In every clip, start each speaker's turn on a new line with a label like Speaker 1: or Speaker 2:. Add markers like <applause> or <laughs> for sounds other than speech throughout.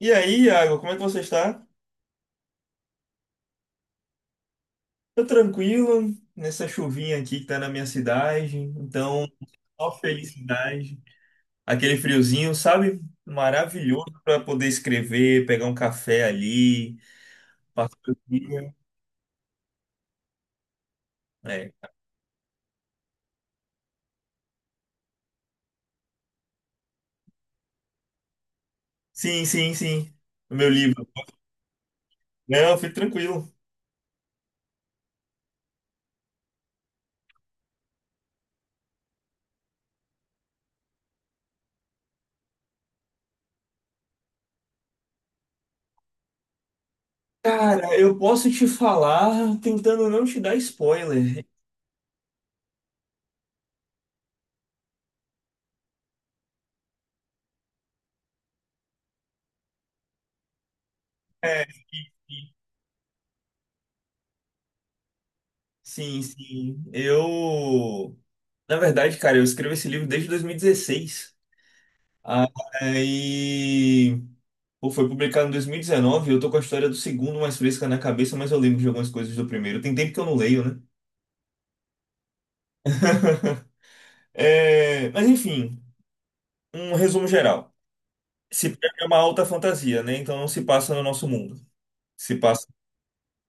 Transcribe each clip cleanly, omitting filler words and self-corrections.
Speaker 1: E aí, Iago, como é que você está? Tô tranquilo nessa chuvinha aqui que tá na minha cidade, então só felicidade. Aquele friozinho, sabe? Maravilhoso para poder escrever, pegar um café ali, passar o dia. É. Sim, sim, sim. O meu livro. Não, fique tranquilo. Cara, eu posso te falar tentando não te dar spoiler. É, sim, sim. Eu, na verdade, cara, eu escrevo esse livro desde 2016. Aí, pô, foi publicado em 2019. Eu tô com a história do segundo mais fresca na cabeça, mas eu lembro de algumas coisas do primeiro. Tem tempo que eu não leio, né? <laughs> É, mas enfim, um resumo geral. Se pega é uma alta fantasia, né? Então não se passa no nosso mundo. Se passa,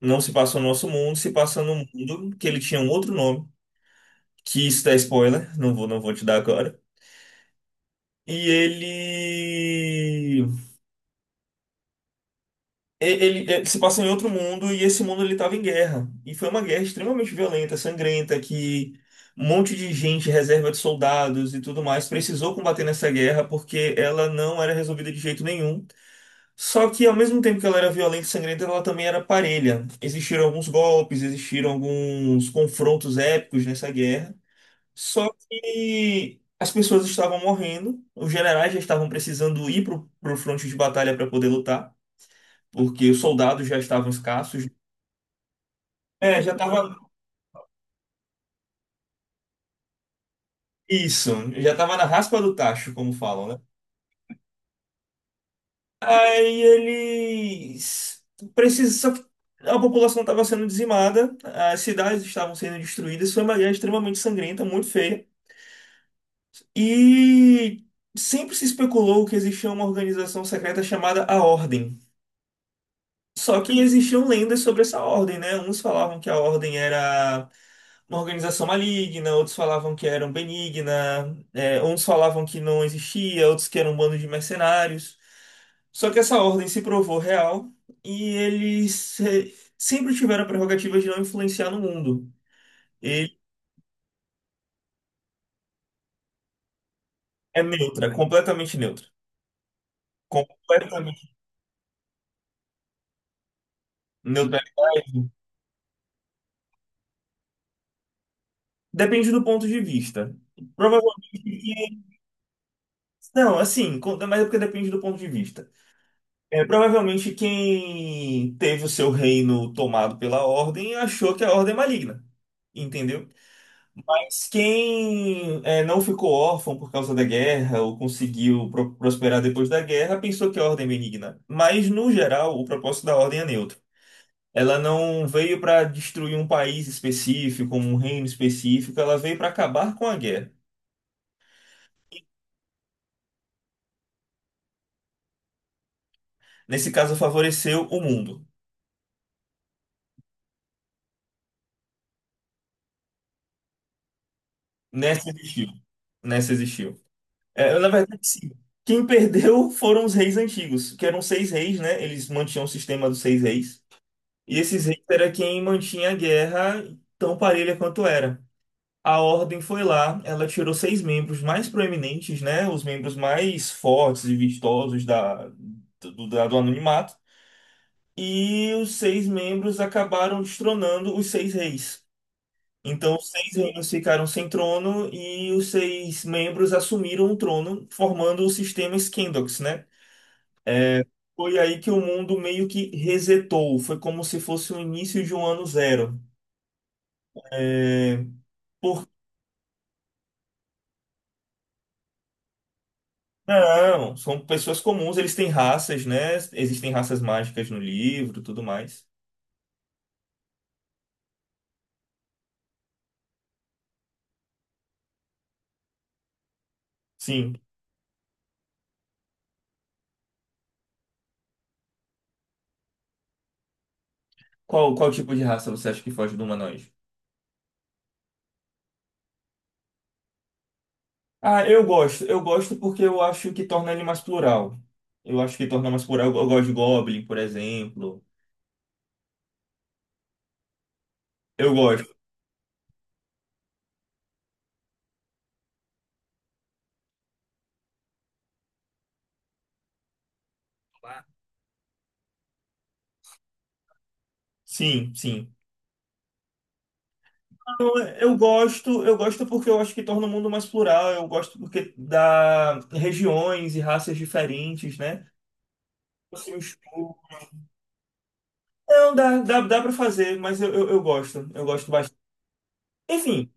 Speaker 1: não se passa no nosso mundo, se passa no mundo que ele tinha um outro nome, que isso dá spoiler, não vou te dar agora. E ele Ele se passa em outro mundo e esse mundo ele estava em guerra. E foi uma guerra extremamente violenta, sangrenta, que um monte de gente, reserva de soldados e tudo mais, precisou combater nessa guerra porque ela não era resolvida de jeito nenhum. Só que ao mesmo tempo que ela era violenta e sangrenta, ela também era parelha. Existiram alguns golpes, existiram alguns confrontos épicos nessa guerra. Só que as pessoas estavam morrendo, os generais já estavam precisando ir para o fronte de batalha para poder lutar porque os soldados já estavam escassos. É, já tava isso. Já tava na raspa do tacho, como falam, né? Aí eles precisam, a população estava sendo dizimada, as cidades estavam sendo destruídas, foi uma guerra extremamente sangrenta, muito feia. E sempre se especulou que existia uma organização secreta chamada a Ordem. Só que existiam lendas sobre essa ordem, né? Uns falavam que a ordem era uma organização maligna, outros falavam que eram benigna, uns falavam que não existia, outros que eram um bando de mercenários. Só que essa ordem se provou real e eles sempre tiveram a prerrogativa de não influenciar no mundo. Ele é neutra, completamente neutra. Completamente neutra. Depende do ponto de vista. Provavelmente. Não, assim, mas é porque depende do ponto de vista. É, provavelmente quem teve o seu reino tomado pela Ordem achou que a Ordem é maligna, entendeu? Mas quem não ficou órfão por causa da guerra ou conseguiu prosperar depois da guerra pensou que a Ordem é benigna. Mas, no geral, o propósito da Ordem é neutro. Ela não veio para destruir um país específico, um reino específico, ela veio para acabar com a guerra. Nesse caso, favoreceu o mundo. Nessa existiu. Nessa existiu. É, na verdade, sim. Quem perdeu foram os reis antigos, que eram seis reis, né? Eles mantinham o sistema dos seis reis. E esses reis era quem mantinha a guerra tão parelha quanto era. A ordem foi lá, ela tirou seis membros mais proeminentes, né? Os membros mais fortes e vistosos do anonimato. E os seis membros acabaram destronando os seis reis. Então, os seis reinos ficaram sem trono e os seis membros assumiram o trono, formando o sistema Scandox, né? Foi aí que o mundo meio que resetou. Foi como se fosse o início de um ano zero. É... Por... Não, são pessoas comuns, eles têm raças, né? Existem raças mágicas no livro, tudo mais. Sim. Qual tipo de raça você acha que foge do humanoide? Ah, eu gosto. Eu gosto porque eu acho que torna ele mais plural. Eu acho que torna mais plural. Eu gosto de Goblin, por exemplo. Eu gosto. Sim, sim. Eu gosto porque eu acho que torna o mundo mais plural, eu gosto porque dá regiões e raças diferentes, né? Você mistura. Não, dá pra fazer, mas eu gosto bastante. Enfim,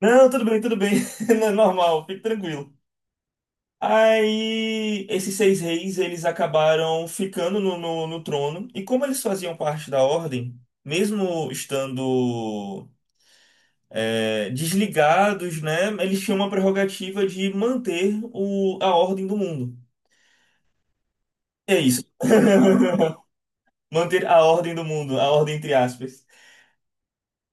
Speaker 1: não, tudo bem, <laughs> não é normal, fique tranquilo. Aí, esses seis reis, eles acabaram ficando no trono, e como eles faziam parte da ordem, mesmo estando desligados, né? Eles tinham uma prerrogativa de manter a ordem do mundo. E é isso. <laughs> Manter a ordem do mundo, a ordem entre aspas.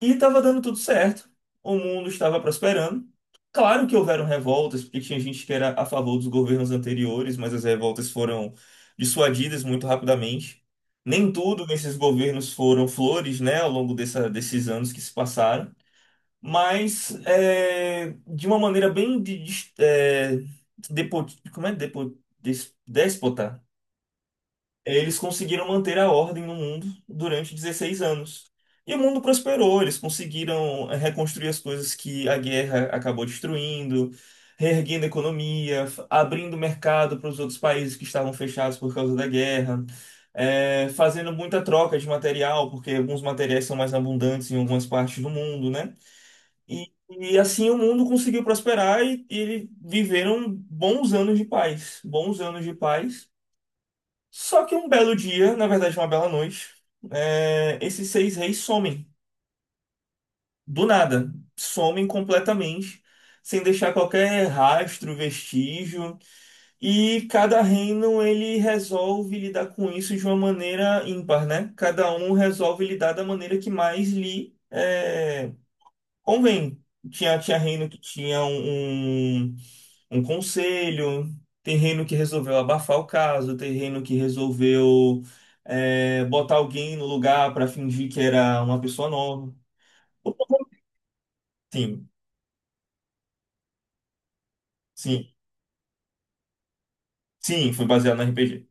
Speaker 1: E estava dando tudo certo. O mundo estava prosperando. Claro que houveram revoltas, porque tinha gente que era a favor dos governos anteriores, mas as revoltas foram dissuadidas muito rapidamente. Nem tudo nesses governos foram flores, né, ao longo desses anos que se passaram. Mas de uma maneira bem, depo- como é? Déspota, eles conseguiram manter a ordem no mundo durante 16 anos. E o mundo prosperou, eles conseguiram reconstruir as coisas que a guerra acabou destruindo, reerguendo a economia, abrindo mercado para os outros países que estavam fechados por causa da guerra, fazendo muita troca de material, porque alguns materiais são mais abundantes em algumas partes do mundo, né? E assim o mundo conseguiu prosperar e eles viveram bons anos de paz, bons anos de paz. Só que um belo dia, na verdade uma bela noite, esses seis reis somem, do nada, somem completamente, sem deixar qualquer rastro, vestígio. E cada reino ele resolve lidar com isso de uma maneira ímpar, né? Cada um resolve lidar da maneira que mais lhe é. Convém. Tinha reino que tinha um conselho, tem reino que resolveu abafar o caso, tem reino que resolveu botar alguém no lugar para fingir que era uma pessoa nova. Sim, sim, sim, foi baseado no RPG.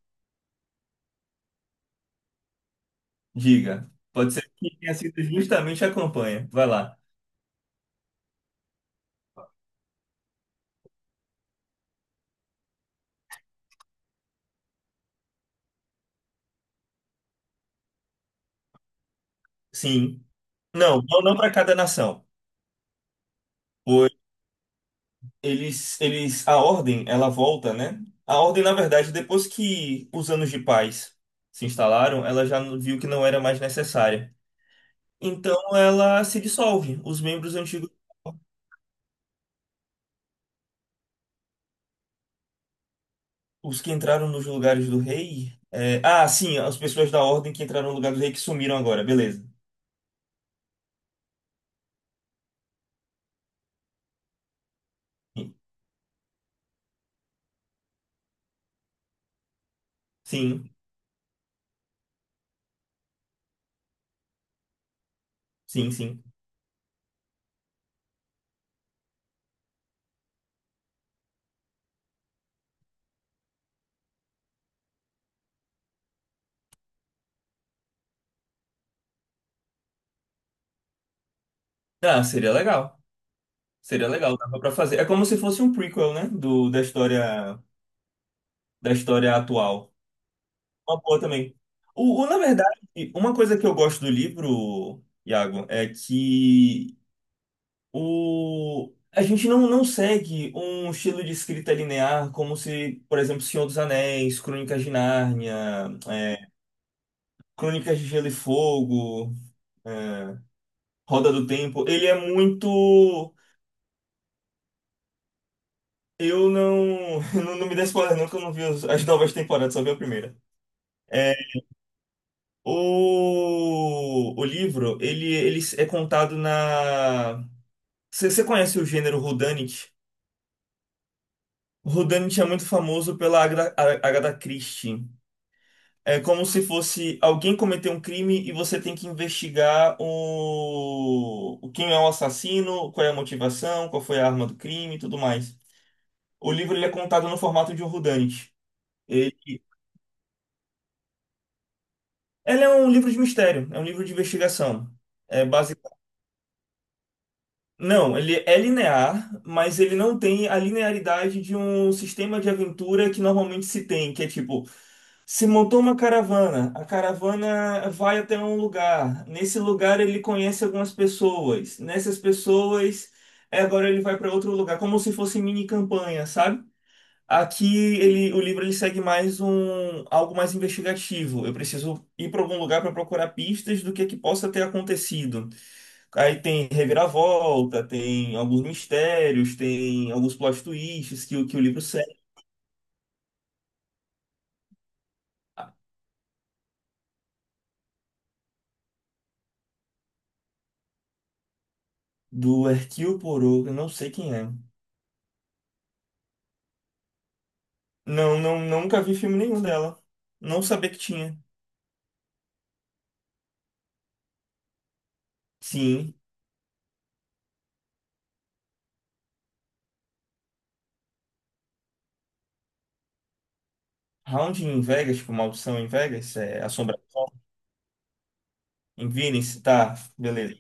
Speaker 1: Diga. Pode ser que tenha sido justamente a campanha. Vai lá. Sim. Não, não, não para cada nação. A ordem, ela volta, né? A ordem, na verdade, depois que os anos de paz se instalaram, ela já viu que não era mais necessária. Então ela se dissolve. Os membros antigos, os que entraram nos lugares do rei. Ah, sim, as pessoas da ordem que entraram no lugar do rei que sumiram agora, beleza. Sim, sim, sim. Ah, seria legal. Seria legal, dava pra fazer. É como se fosse um prequel, né, da história atual. Uma boa também. Na verdade, uma coisa que eu gosto do livro, Iago, é que a gente não segue um estilo de escrita linear como se, por exemplo, Senhor dos Anéis, Crônicas de Nárnia, Crônicas de Gelo e Fogo, é, Roda do Tempo. Ele é muito. Eu não. <laughs> Não, não me dê spoiler, não, que eu não vi as novas temporadas, só vi a primeira. É, o livro, ele é contado na. Você conhece o gênero Whodunit? O Whodunit é muito famoso pela Agatha Christie. É como se fosse alguém cometeu um crime e você tem que investigar o quem é o assassino, qual é a motivação, qual foi a arma do crime e tudo mais. O livro ele é contado no formato de um Whodunit. Ele... ele é um livro de mistério, é um livro de investigação. É Não, ele é linear, mas ele não tem a linearidade de um sistema de aventura que normalmente se tem, que é tipo, se montou uma caravana, a caravana vai até um lugar, nesse lugar ele conhece algumas pessoas, nessas pessoas, agora ele vai para outro lugar, como se fosse mini campanha, sabe? Aqui o livro ele segue mais um algo mais investigativo. Eu preciso ir para algum lugar para procurar pistas do que possa ter acontecido. Aí tem reviravolta, tem alguns mistérios, tem alguns plot twists que o livro segue. Do Hercule Poirot, eu não sei quem é. Não, não, nunca vi filme nenhum dela. Não sabia que tinha. Sim. Round em Vegas, tipo, Maldição em Vegas, é Assombração em Venice, tá, beleza.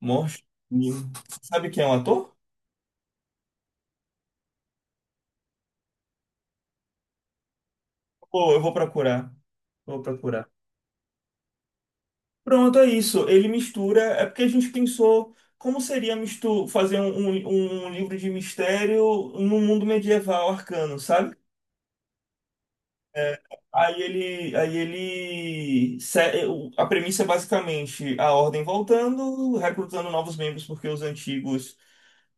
Speaker 1: Monstro. Sabe quem é o ator? Pô, eu vou procurar. Vou procurar. Pronto, é isso. Ele mistura. É porque a gente pensou como seria mistu fazer um livro de mistério no mundo medieval arcano, sabe? É, aí ele, se- é, o- a premissa é basicamente a ordem voltando, recrutando novos membros porque os antigos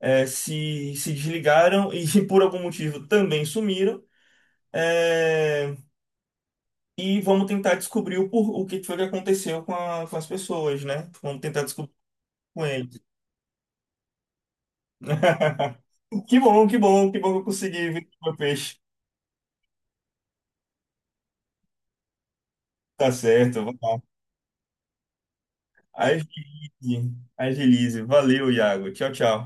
Speaker 1: se desligaram e <laughs> por algum motivo também sumiram. É, E vamos tentar descobrir o que foi que aconteceu com as pessoas, né? Vamos tentar descobrir com eles. <laughs> Que bom, que bom, que bom que eu consegui ver o meu peixe. Tá certo, vamos lá. Agilize, agilize. Valeu, Iago. Tchau, tchau.